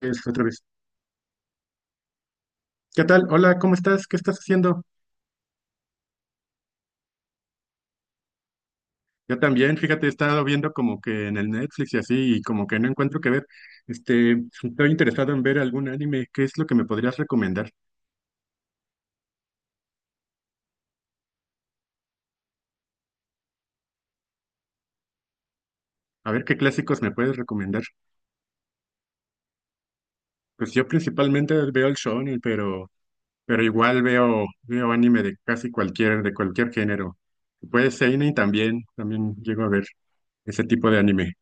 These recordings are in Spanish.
Es otra vez. ¿Qué tal? Hola, ¿cómo estás? ¿Qué estás haciendo? Yo también, fíjate, he estado viendo como que en el Netflix y así, y como que no encuentro qué ver. Este, Estoy interesado en ver algún anime. ¿Qué es lo que me podrías recomendar? A ver qué clásicos me puedes recomendar. Pues yo principalmente veo el shonen, pero igual veo anime de casi de cualquier género. Puede ser seinen también, también llego a ver ese tipo de anime.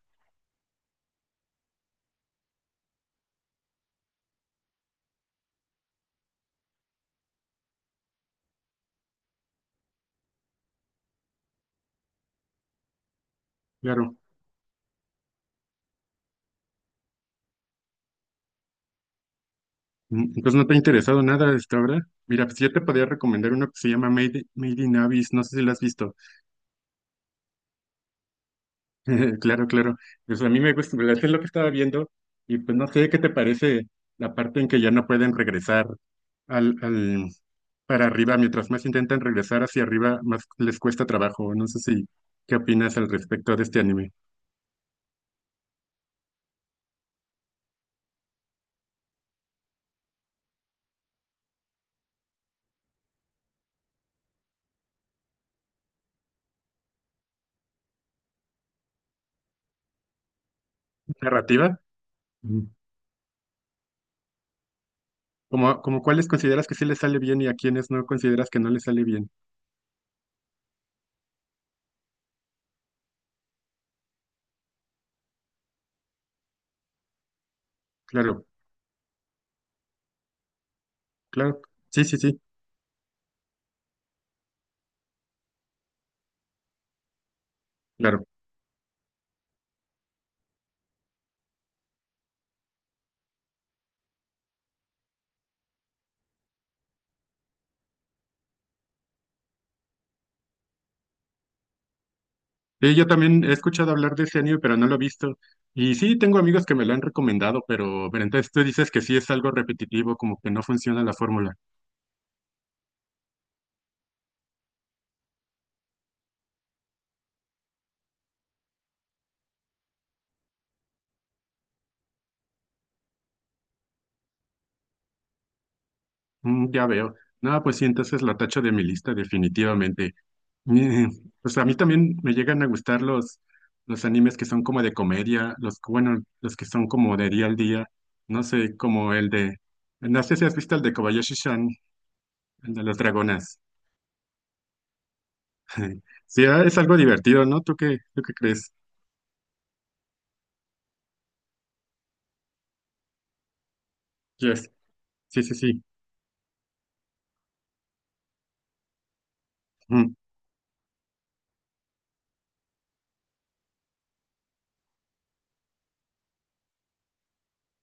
Claro. Entonces no te ha interesado nada hasta ahora. Mira, pues yo te podría recomendar una que se llama Made in Abyss, no sé si la has visto. Claro, claro. Pues a mí me gusta, ¿verdad? Es lo que estaba viendo y pues no sé qué te parece la parte en que ya no pueden regresar al para arriba, mientras más intentan regresar hacia arriba, más les cuesta trabajo. No sé si qué opinas al respecto de este anime. ¿Narrativa? Ujú. Como cuáles consideras que sí les sale bien y a quiénes no consideras que no les sale bien? Claro, claro. Sí, sí, sí. Claro. Sí, yo también he escuchado hablar de ese anime, pero no lo he visto. Y sí, tengo amigos que me lo han recomendado, pero entonces tú dices que sí es algo repetitivo, como que no funciona la fórmula. Mm, ya veo. No, pues sí, entonces lo tacho de mi lista definitivamente. Mm, Pues a mí también me llegan a gustar los animes que son como de comedia, bueno, los que son como de día al día. No sé, como el de, no sé si has visto el de Kobayashi-san, el de las dragonas. Sí, ah, es algo divertido, ¿no? Tú qué crees? Yes. Sí, sí, sí. Mm.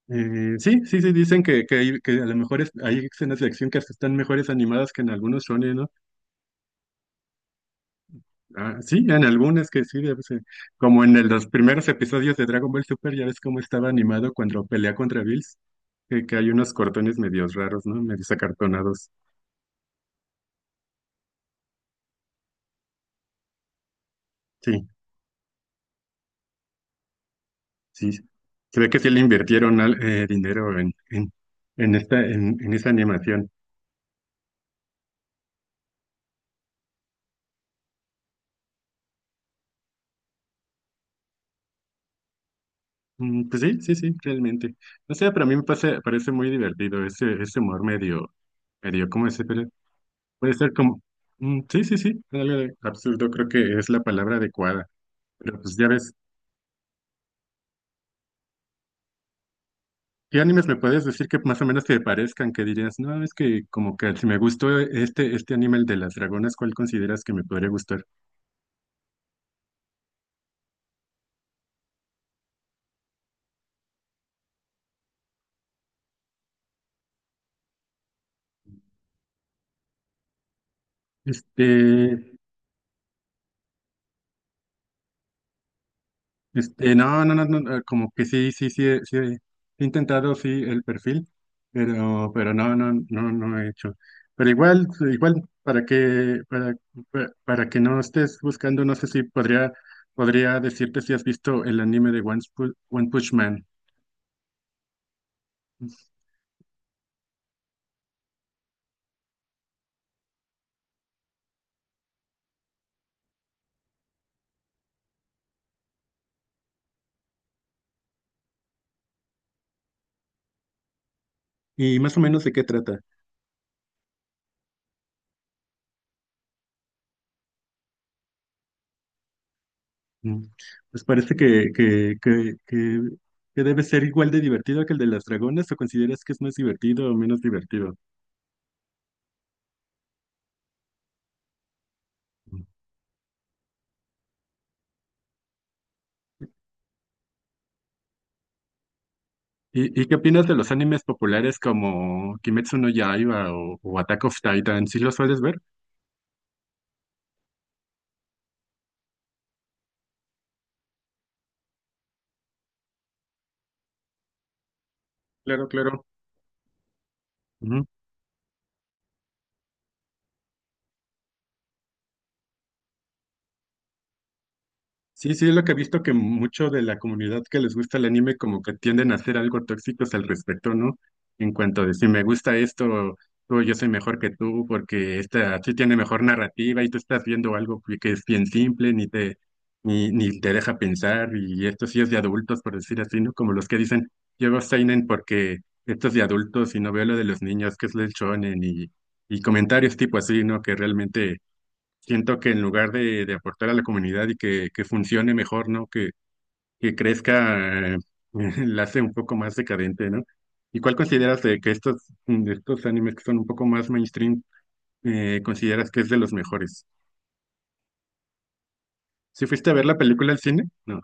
Sí, sí, sí, dicen que a lo mejor hay escenas de acción que hasta están mejores animadas que en algunos shonen, ¿no? Ah, sí, en algunas que sí, debe ser. Como en los primeros episodios de Dragon Ball Super, ya ves cómo estaba animado cuando pelea contra Bills, que hay unos cortones medios raros, ¿no? Medios acartonados. Sí, sí, sí. Se ve que sí le invirtieron dinero en en esa animación. Pues sí, sí, sí, realmente. O sea, para mí me pasa- parece muy divertido ese, ese humor medio, medio, ¿cómo es? Puede ser como, mm, sí, sí, sí, algo de absurdo creo que es la palabra adecuada. Pero pues ya ves, ¿qué animes me puedes decir que más o menos te parezcan? Que dirías, no, es que como que si me gustó este, este anime, el de las dragonas, ¿cuál consideras que me podría gustar? Este, no, no, no, no, no, como que sí, sí, sí, sí, he intentado, sí, el perfil, pero no, no, no, no he hecho. Pero igual, igual, para que, para, para que no estés buscando, no sé si podría, podría decirte si has visto el anime de One Punch Man. Y más o menos de qué trata. Mm, Pues parece que debe ser igual de divertido que el de las dragonas, ¿o consideras que es más divertido o menos divertido? Y qué opinas de los animes populares como Kimetsu no Yaiba o Attack of Titan? ¿Sí los sueles ver? Claro, claro. Ujú. Sí, sí, es lo que he visto que mucho de la comunidad que les gusta el anime como que tienden a ser algo tóxicos al respecto, ¿no? En cuanto de si me gusta esto, tú, yo soy mejor que tú porque esta sí tiene mejor narrativa y tú estás viendo algo que es bien simple, ni te deja pensar y esto sí es de adultos, por decir así, ¿no? Como los que dicen, yo veo seinen porque esto es de adultos y no veo lo de los niños, que es el shonen y comentarios tipo así, ¿no? Que realmente siento que en lugar de aportar a la comunidad y que funcione mejor, ¿no? Que crezca, la hace un poco más decadente, ¿no? ¿Y cuál consideras de que de estos animes que son un poco más mainstream, consideras que es de los mejores? ¿Si fuiste a ver la película al cine? No.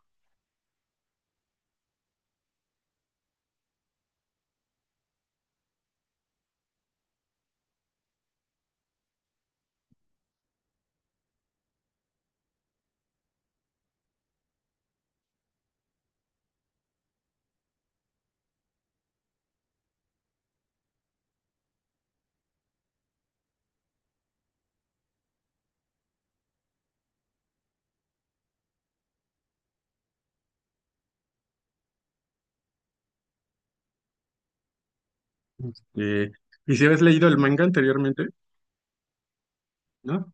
Eh, ¿Y si habías leído el manga anteriormente? ¿No?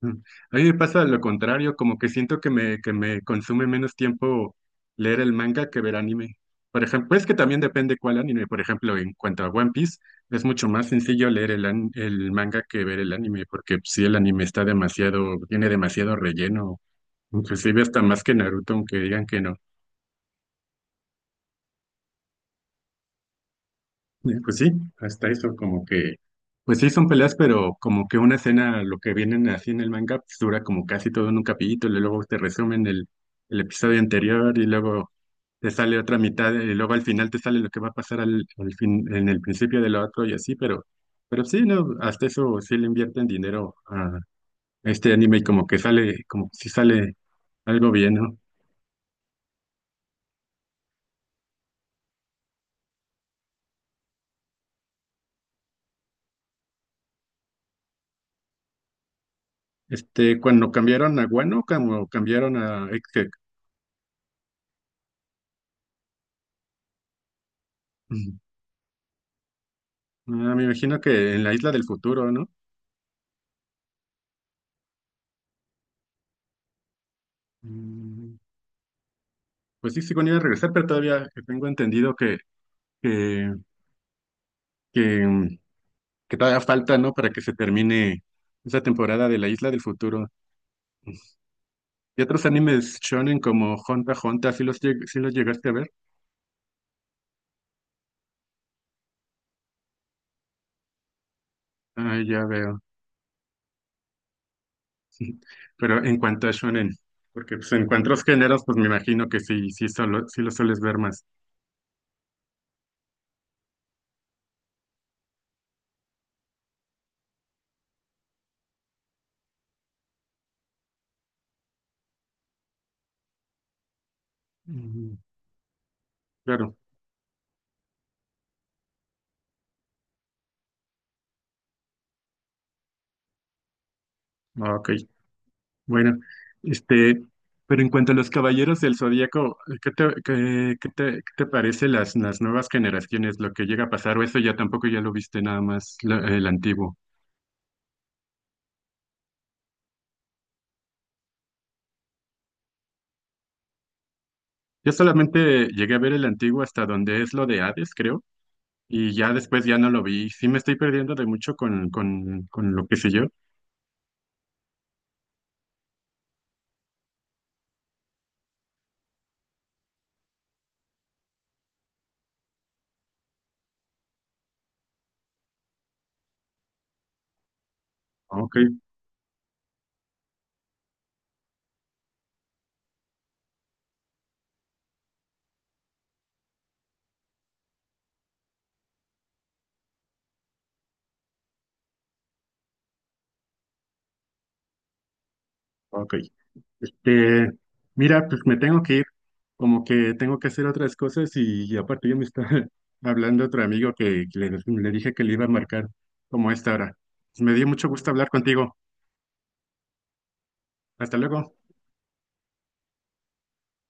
Mm. A mí me pasa lo contrario, como que siento que me consume menos tiempo leer el manga que ver anime. Por ejemplo, es que también depende cuál anime. Por ejemplo, en cuanto a One Piece, es mucho más sencillo leer el manga que ver el anime, porque si el anime está demasiado, tiene demasiado relleno, inclusive hasta más que Naruto, aunque digan que no. Y pues sí, hasta eso como que, pues sí son peleas, pero como que una escena, lo que vienen así en el manga, pues dura como casi todo en un capítulo, y luego te resumen el episodio anterior, y luego te sale otra mitad, y luego al final te sale lo que va a pasar al fin, en el principio de lo otro y así, pero sí, no, hasta eso sí le invierten dinero a este anime y como que sale, como si sale algo bien, ¿no? Este, cuando cambiaron a Guano, como cambiaron a Egghead. Ah, me imagino que en la isla del futuro, ¿no? Mm, Pues sí, según iba a regresar, pero todavía tengo entendido que, que, mm, que todavía falta, ¿no? Para que se termine esa temporada de la isla del futuro. Y otros animes shonen como Hunter x Hunter, ¿sí sí los llegaste a ver? Ah, ya veo. Pero en cuanto a shonen, porque pues, en cuanto a los géneros, pues me imagino que sí, sí, solo, sí los sueles ver más. Mm, claro. Ah, ok. Bueno, este, pero en cuanto a los Caballeros del Zodíaco, qué te parece las nuevas generaciones, lo que llega a pasar? ¿O eso ya tampoco ya lo viste nada más el antiguo? Yo solamente llegué a ver el antiguo hasta donde es lo de Hades, creo, y ya después ya no lo vi. Sí me estoy perdiendo de mucho con lo que sé yo. Ok, ok. Este, mira, pues me tengo que ir, como que tengo que hacer otras cosas y aparte yo me estaba hablando otro amigo que le dije que le iba a marcar como a esta hora. Pues, me dio mucho gusto hablar contigo. Hasta luego.